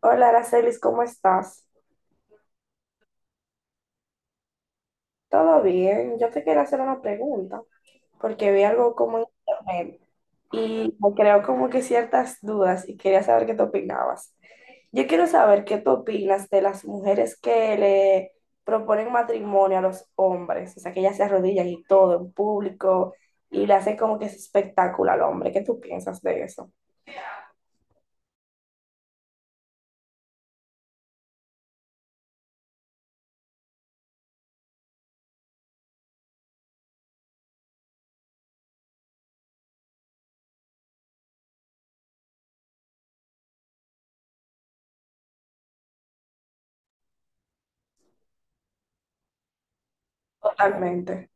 Hola, Aracelis, ¿cómo estás? ¿Todo bien? Yo te quería hacer una pregunta porque vi algo como en internet y me creó como que ciertas dudas y quería saber qué tú opinabas. Yo quiero saber qué tú opinas de las mujeres que le proponen matrimonio a los hombres, o sea, que ellas se arrodillan y todo en público y le hacen como que ese espectáculo al hombre. ¿Qué tú piensas de eso? Totalmente.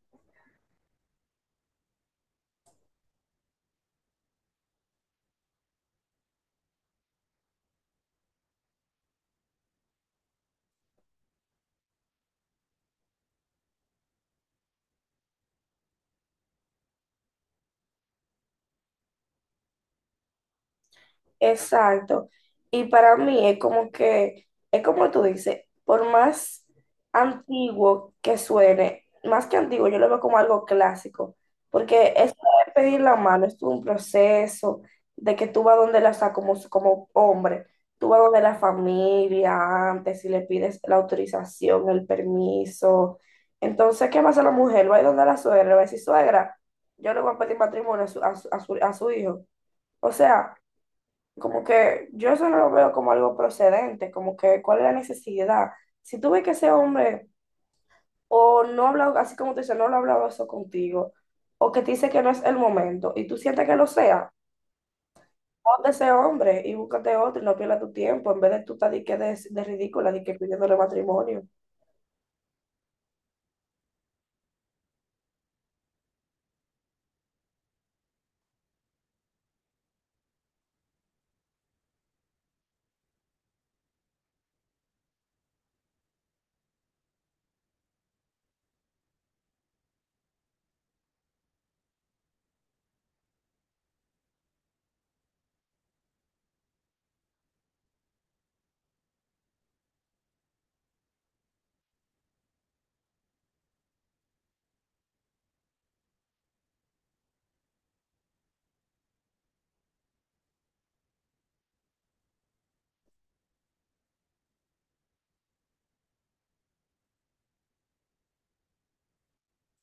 Exacto. Y para mí es como que, es como tú dices, por más antiguo que suene, más que antiguo, yo lo veo como algo clásico, porque eso de pedir la mano es todo un proceso de que tú vas donde la, o sea, como, como hombre, tú vas donde la familia antes y le pides la autorización, el permiso. Entonces, ¿qué pasa la mujer? Va a ir donde la suegra, le va a decir, suegra, yo le voy a pedir matrimonio a su, a su hijo. O sea... Como que yo eso no lo veo como algo procedente, como que cuál es la necesidad. Si tú ves que ese hombre o no ha hablado, así como te dice, no lo ha hablado eso contigo, o que te dice que no es el momento y tú sientes que lo sea, pon de ese hombre y búscate otro y no pierdas tu tiempo en vez de tú estar de, de ridícula, de que pidiéndole matrimonio.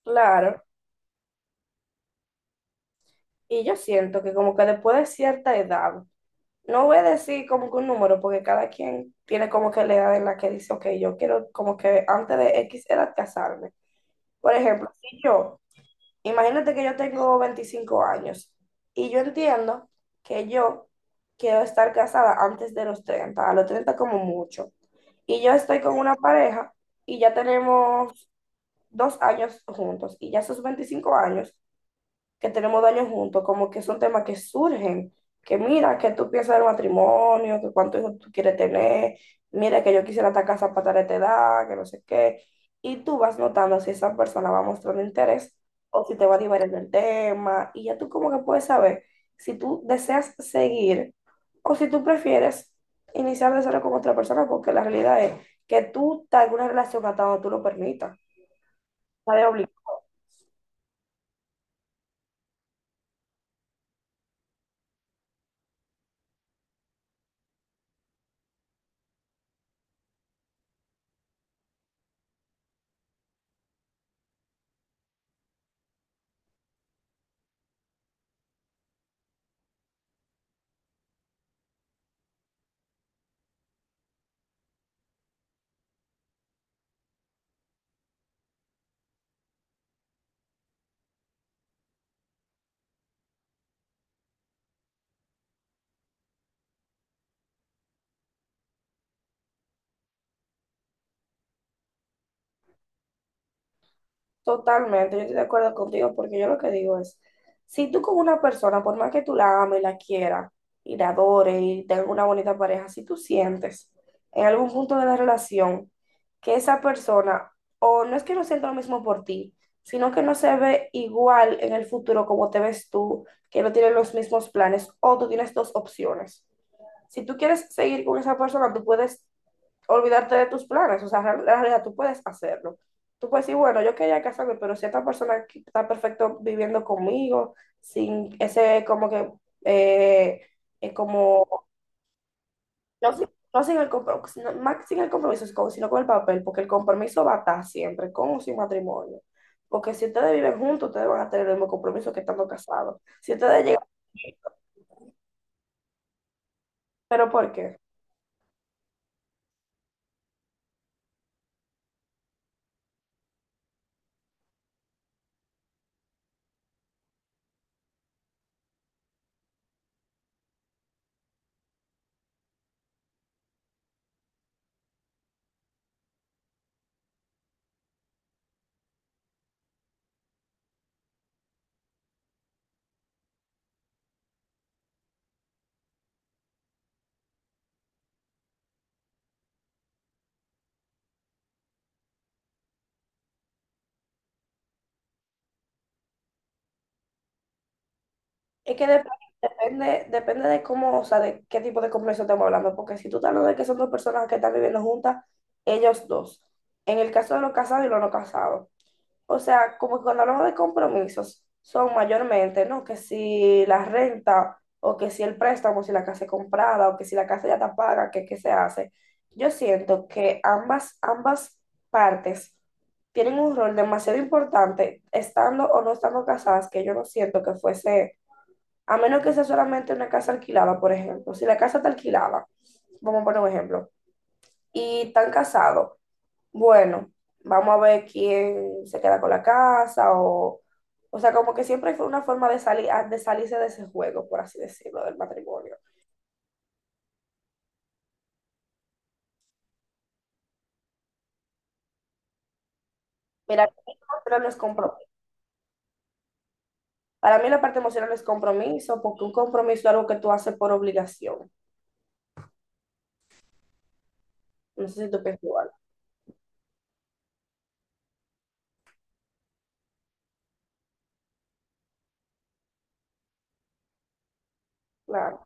Claro, y yo siento que como que después de cierta edad, no voy a decir como que un número, porque cada quien tiene como que la edad en la que dice, ok, yo quiero como que antes de X edad casarme. Por ejemplo, si yo, imagínate que yo tengo 25 años y yo entiendo que yo quiero estar casada antes de los 30, a los 30 como mucho. Y yo estoy con una pareja y ya tenemos 2 años juntos y ya esos 25 años que tenemos daños juntos, como que son temas que surgen, que mira, que tú piensas del matrimonio, que cuántos hijos tú quieres tener, mira que yo quisiera esta casa para tal edad, que no sé qué, y tú vas notando si esa persona va mostrando interés o si te va a divertir el tema, y ya tú como que puedes saber si tú deseas seguir o si tú prefieres iniciar de cero con otra persona, porque la realidad es que tú estás en una relación hasta donde tú lo permitas, está de obligado. Totalmente, yo estoy de acuerdo contigo porque yo lo que digo es, si tú con una persona, por más que tú la ames, la quieras y la adores y tengas una bonita pareja, si tú sientes en algún punto de la relación que esa persona, o no es que no sienta lo mismo por ti, sino que no se ve igual en el futuro como te ves tú, que no tienen los mismos planes, o tú tienes dos opciones. Si tú quieres seguir con esa persona, tú puedes olvidarte de tus planes, o sea, en realidad tú puedes hacerlo. Tú puedes decir, bueno, yo quería casarme, pero si esta persona aquí está perfecto viviendo conmigo, sin ese como que, eh, como, no, no sin el compromiso, más sin el compromiso, sino con el papel, porque el compromiso va a estar siempre, con o sin matrimonio. Porque si ustedes viven juntos, ustedes van a tener el mismo compromiso que estando casados. Si ustedes llegan, ¿pero por qué? Es que dep- depende, depende de cómo, o sea, de qué tipo de compromiso estamos hablando, porque si tú estás hablando de que son dos personas que están viviendo juntas, ellos dos. En el caso de los casados y los no casados. O sea, como que cuando hablamos de compromisos, son mayormente, ¿no? Que si la renta, o que si el préstamo, si la casa es comprada, o que si la casa ya está paga, que qué se hace. Yo siento que ambas partes tienen un rol demasiado importante, estando o no estando casadas, que yo no siento que fuese a menos que sea solamente una casa alquilada, por ejemplo. Si la casa está alquilada, vamos a poner un ejemplo, y están casados, bueno, vamos a ver quién se queda con la casa o... O sea, como que siempre fue una forma de, salir, de salirse de ese juego, por así decirlo, del matrimonio. Mira, para mí, no es compromiso. Para mí la parte emocional no es compromiso, porque un compromiso es algo que tú haces por obligación. No sé si tú piensas igual. Claro.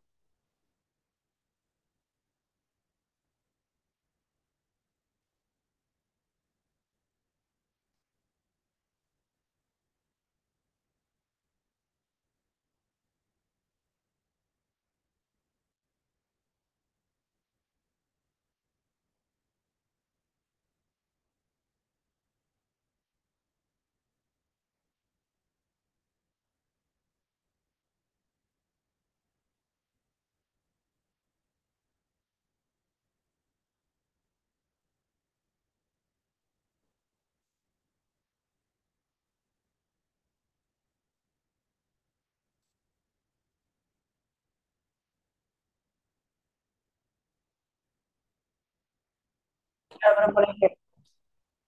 Pero, por ejemplo,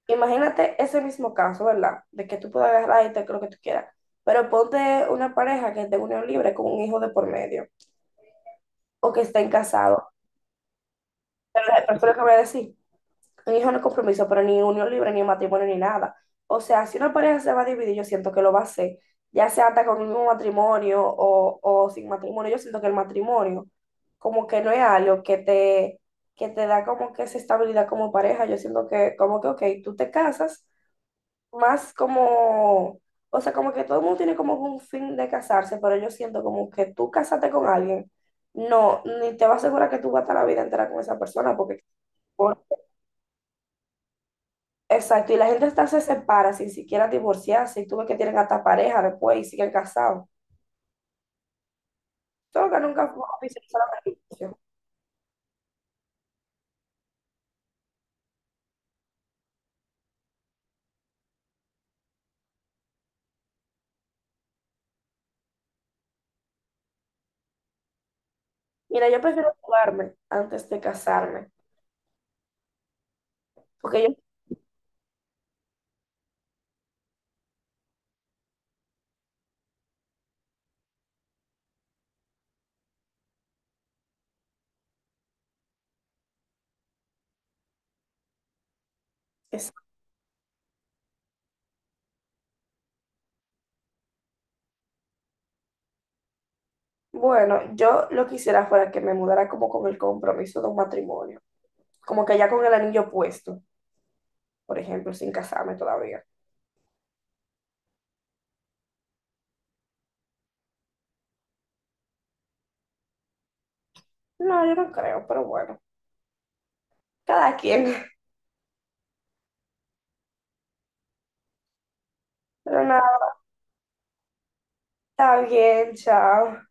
imagínate ese mismo caso, ¿verdad? De que tú puedas agarrar y te lo que tú quieras. Pero ponte una pareja que esté en unión libre con un hijo de por medio o que estén casados. Pero fue que voy a decir. Un hijo no es compromiso, pero ni unión libre, ni matrimonio, ni nada. O sea, si una pareja se va a dividir, yo siento que lo va a hacer. Ya sea hasta con un matrimonio o sin matrimonio. Yo siento que el matrimonio como que no es algo que te da como que esa estabilidad como pareja. Yo siento que como que, ok, tú te casas más como, o sea, como que todo el mundo tiene como un fin de casarse, pero yo siento como que tú casarte con alguien, no, ni te va a asegurar que tú vas a estar la vida entera con esa persona, porque, por- exacto, y la gente hasta se separa sin siquiera divorciarse, y tú ves que tienen hasta pareja después y siguen casados. Solo que nunca fue oficial solamente divorcio. Mira, yo prefiero mudarme antes de casarme, porque yo, es- bueno, yo lo que quisiera fuera que me mudara como con el compromiso de un matrimonio, como que ya con el anillo puesto, por ejemplo, sin casarme todavía. No, yo no creo, pero bueno, cada quien. Pero nada, está bien, chao.